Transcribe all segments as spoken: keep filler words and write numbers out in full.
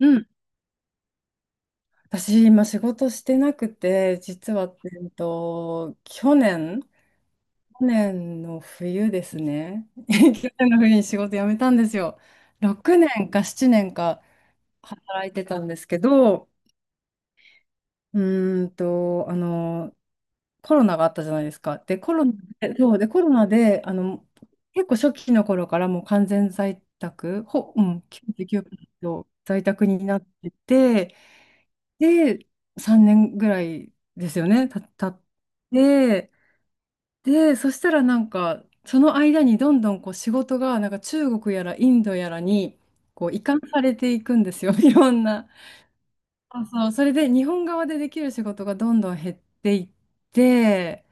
うん、私、今仕事してなくて、実は、えっと、去年、去年の冬ですね。去年の冬に仕事辞めたんですよ。ろくねんかななねんか働いてたんですけど、うーんと、あの、コロナがあったじゃないですか。で、コロナで、そうで、コロナで、あの、結構初期の頃からもう完全在宅、ほ、うん、きゅうじゅうきゅうパーセント在宅になってて、で、さんねんぐらいですよね、た、たって、で、そしたらなんか、その間にどんどんこう仕事が、なんか中国やらインドやらに、こう移管されていくんですよ、いろんな。そうそう、それで日本側でできる仕事がどんどん減っていって、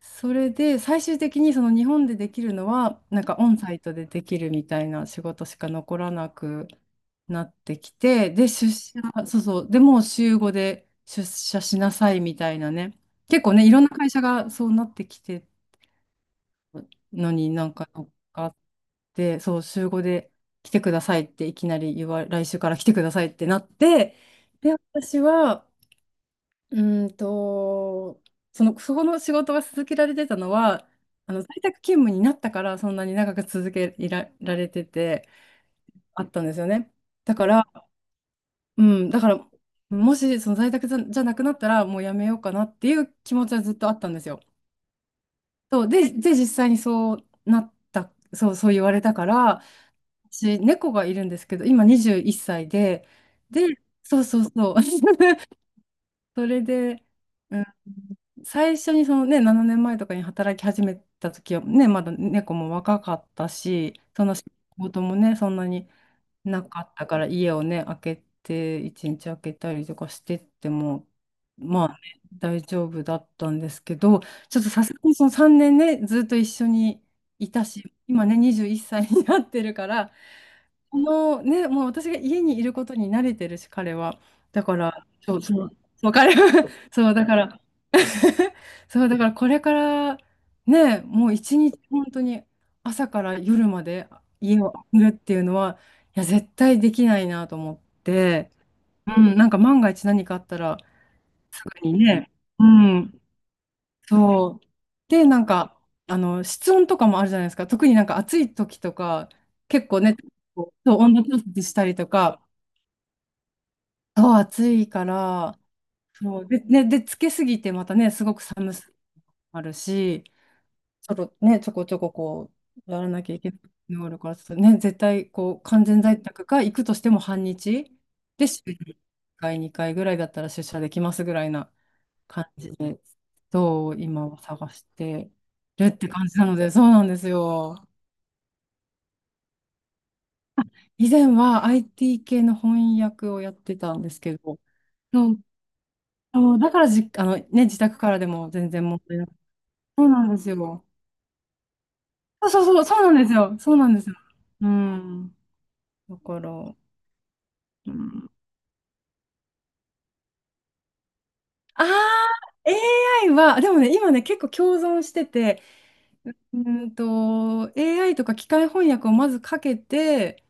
それで最終的にその日本でできるのはなんかオンサイトでできるみたいな仕事しか残らなくなってきて、で、出社、そうそうで、もう週ごで出社しなさいみたいなね。結構ね、いろんな会社がそうなってきてるのに、なんか乗っかって、そう週ごで来てくださいっていきなり言わ来週から来てくださいってなって、で、私は、うーんと、その、そこの仕事が続けられてたのは、あの在宅勤務になったから、そんなに長く続けら、られてて、あったんですよね。だから、うん、だから、もしその在宅じゃ、じゃなくなったら、もうやめようかなっていう気持ちはずっとあったんですよ。そう、で、で、実際にそうなった、そう、そう言われたから、私、猫がいるんですけど、今にじゅういっさいで、で、そうそうそう、それで、う最初にそのね、ななねんまえとかに働き始めた時はね、まだ猫も若かったし、その仕事もね、そんなになかったから、家をね、開けて、一日開けたりとかしてっても、まあね、大丈夫だったんですけど、ちょっとさすがにそのさんねんねんね、ずっと一緒にいたし、今ね、にじゅういっさいになってるから、このね、もう私が家にいることに慣れてるし、彼は。だから、そう、そう、そう彼は、そう、だから、そう、だからこれからね、もう一日本当に朝から夜まで家を空けるっていうのは、いや、絶対できないなと思って、うん、なんか万が一何かあったら、すぐにね、うん、そう。で、なんか、あの、室温とかもあるじゃないですか。特になんか暑い時とか、結構ね、そう温度調節したりとか、そう、暑いから、そう、で、ね、で、つけすぎてまたね、すごく寒さもあるし、ちょろ、ね、ちょこちょここう、やらなきゃいけないのがあるから、ちょっとね、絶対こう、完全在宅か、行くとしても半日で、週にいっかい、にかいぐらいだったら出社できますぐらいな感じで、そう今は探してるって感じなので、そうなんですよ。以前は アイティー 系の翻訳をやってたんですけど、そう、そうだからじ、あのね、自宅からでも全然問題なく。そうなんですよ。そうそうそう、そうなんですよ。そうなんですよ。うん。だから、うん、ああ、エーアイ は、でもね、今ね、結構共存してて、うーんと、エーアイ とか機械翻訳をまずかけて、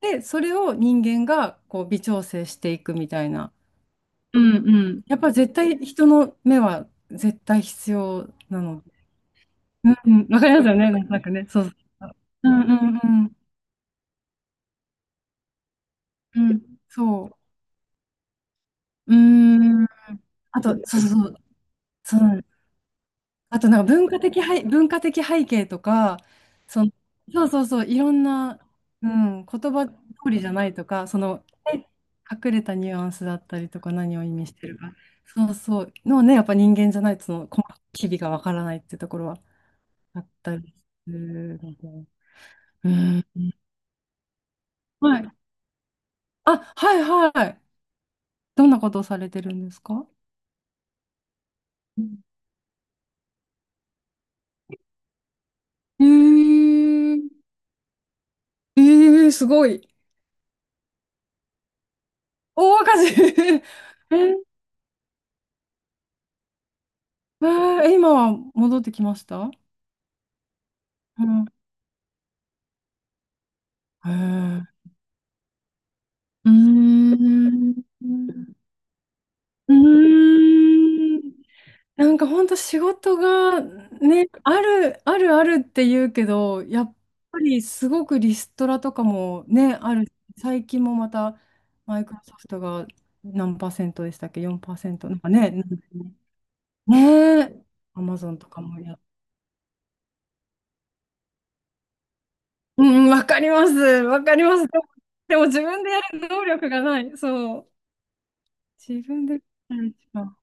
で、それを人間がこう微調整していくみたいな。うんうん。やっぱ絶対人の目は絶対必要なので。うんうん、わかりますよね、なんかね、そうそう。うんうんうん。うん、そう。うーん。あと、そうそうそう。そうあとなんか文化的背、文化的背景とか、その、そうそうそう、いろんな、うん、言葉通りじゃないとか、その、え隠れたニュアンスだったりとか、何を意味してるか、そうそう、のね、やっぱ人間じゃないと、その、細かい機微がわからないってところはあったりするので。うん。はい。あ、はい、はい。どんなことをされてるんですか？うん。えー、えー、すごい。大赤字。 えーえー、え今は戻ってきました？うん。へえ。うーん。うーん。なんか本当仕事がね、ある、あるあるって言うけど、やっぱりすごくリストラとかもね、ある。最近もまたマイクロソフトが何パーセントでしたっけ？ よんパーセント なんかね、ねえ、アマゾンとかもやっうん、うん、わかります。わかります。でも、でも自分でやる能力がない。そう。自分で作るしか。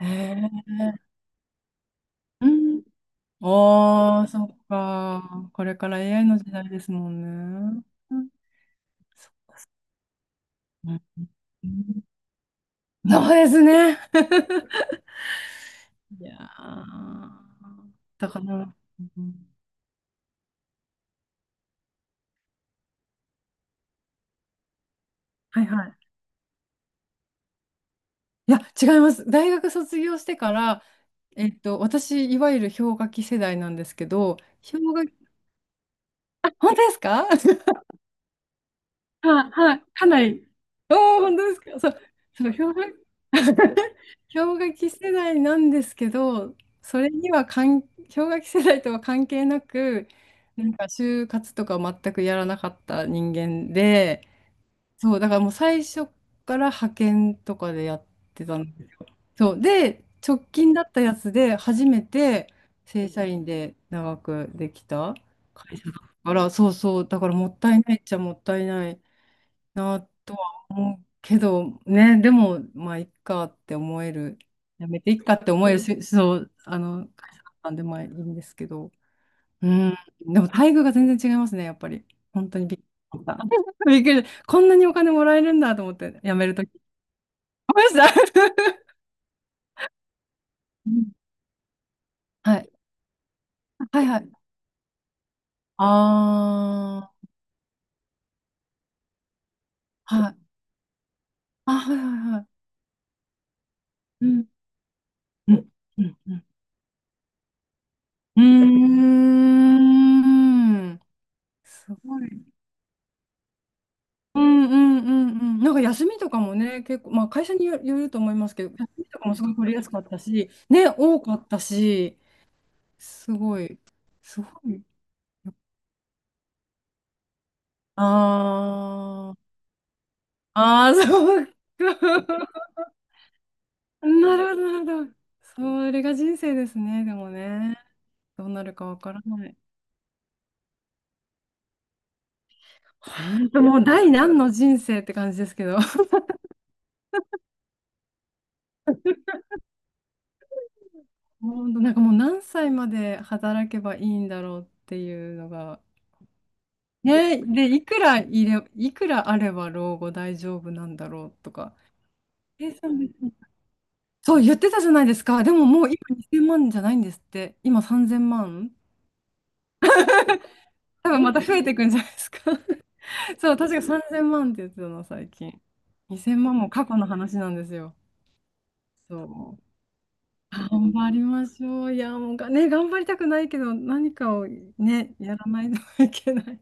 へえ。うん。ああ、そっか。これから エーアイ の時代ですもんね。うん、そうん、うん、そうですね。いやー、だから、うん、はい、はい。いや、違います。大学卒業してから、えっと、私、いわゆる氷河期世代なんですけど、氷河期、あ、本当ですか？ はい、はい、かなり。おお、本当ですか。そう、そう、氷河氷河期世代なんですけど、それには関氷河期世代とは関係なく、なんか就活とか全くやらなかった人間で、そう、だからもう最初から派遣とかでやってたの。そう、で、直近だったやつで初めて正社員で長くできた会社だから、そうそう、だからもったいないっちゃもったいないなと、けど、ね、でも、まあ、いっかって思える、やめていっかって思えるし、そう、あの、会社だったんで、まあ、いいんですけど、うん、でも、待遇が全然違いますね、やっぱり。本当にびっくりした。びっくりした。こんなにお金もらえるんだと思って、辞めるとき。ごめんいました。うん、はい。はい、はい。ああ、はい。あ、はい、はい、はい。うん。うん。うん。うん。うーん、すごい。うん、うん、うん、うん。なんか休みとかもね、結構、まあ会社によよると思いますけど、休みとかもすごい取りやすかったし、ね、多かったし、すごい、すごい。あー、あー、そうか。なるほど、なるほど。それが人生ですね、でもね。どうなるかわからない。本当もう第何の人生って感じですけど。本当なんかもう何歳まで働けばいいんだろうっていうのが。ね、で、いくらいれ、いくらあれば老後大丈夫なんだろうとか。計算できない。そう言ってたじゃないですか。でももう今にせんまんじゃないんですって。今さんぜんまん。多分また増えていくんじゃないですか。そう、確かさんぜんまんって言ってたの、最近。にせんまんも過去の話なんですよ。そう。頑張りましょう。いや、もうがね、頑張りたくないけど、何かをね、やらないといけない。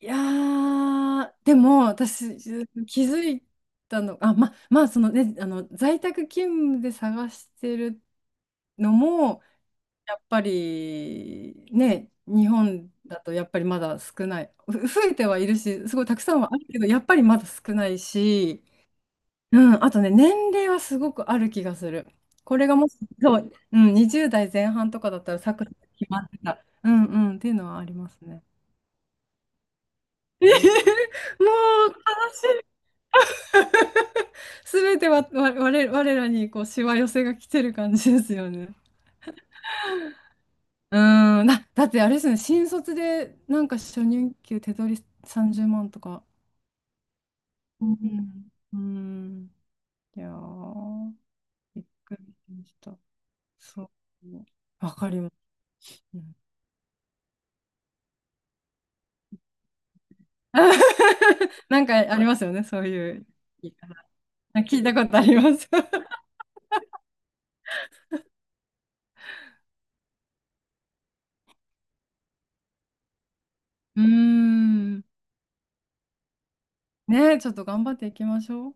いやー、でも私気づいたの、あ、ま、まあそのね、あの在宅勤務で探してるのも、やっぱりね、日本だとやっぱりまだ少ない、ふ増えてはいるし、すごいたくさんはあるけど、やっぱりまだ少ないし、うん、あとね、年齢はすごくある気がする。これがもし、そう、うん、にじゅう代前半とかだったらサクッと決まってた。うんうん、っていうのはありますね。もう悲しい。すべては、わ、我々、我らにこう、しわ寄せが来てる感じですよね。うーん、だ、だってあれですよね、新卒でなんか初任給手取りさんじゅうまんとか。うん。うん。いやー、びっくりしました。そう。わかります。うん。 なんかありますよね、そういう言い方。聞いたことあります。うーん。ね、ちょっと頑張っていきましょう。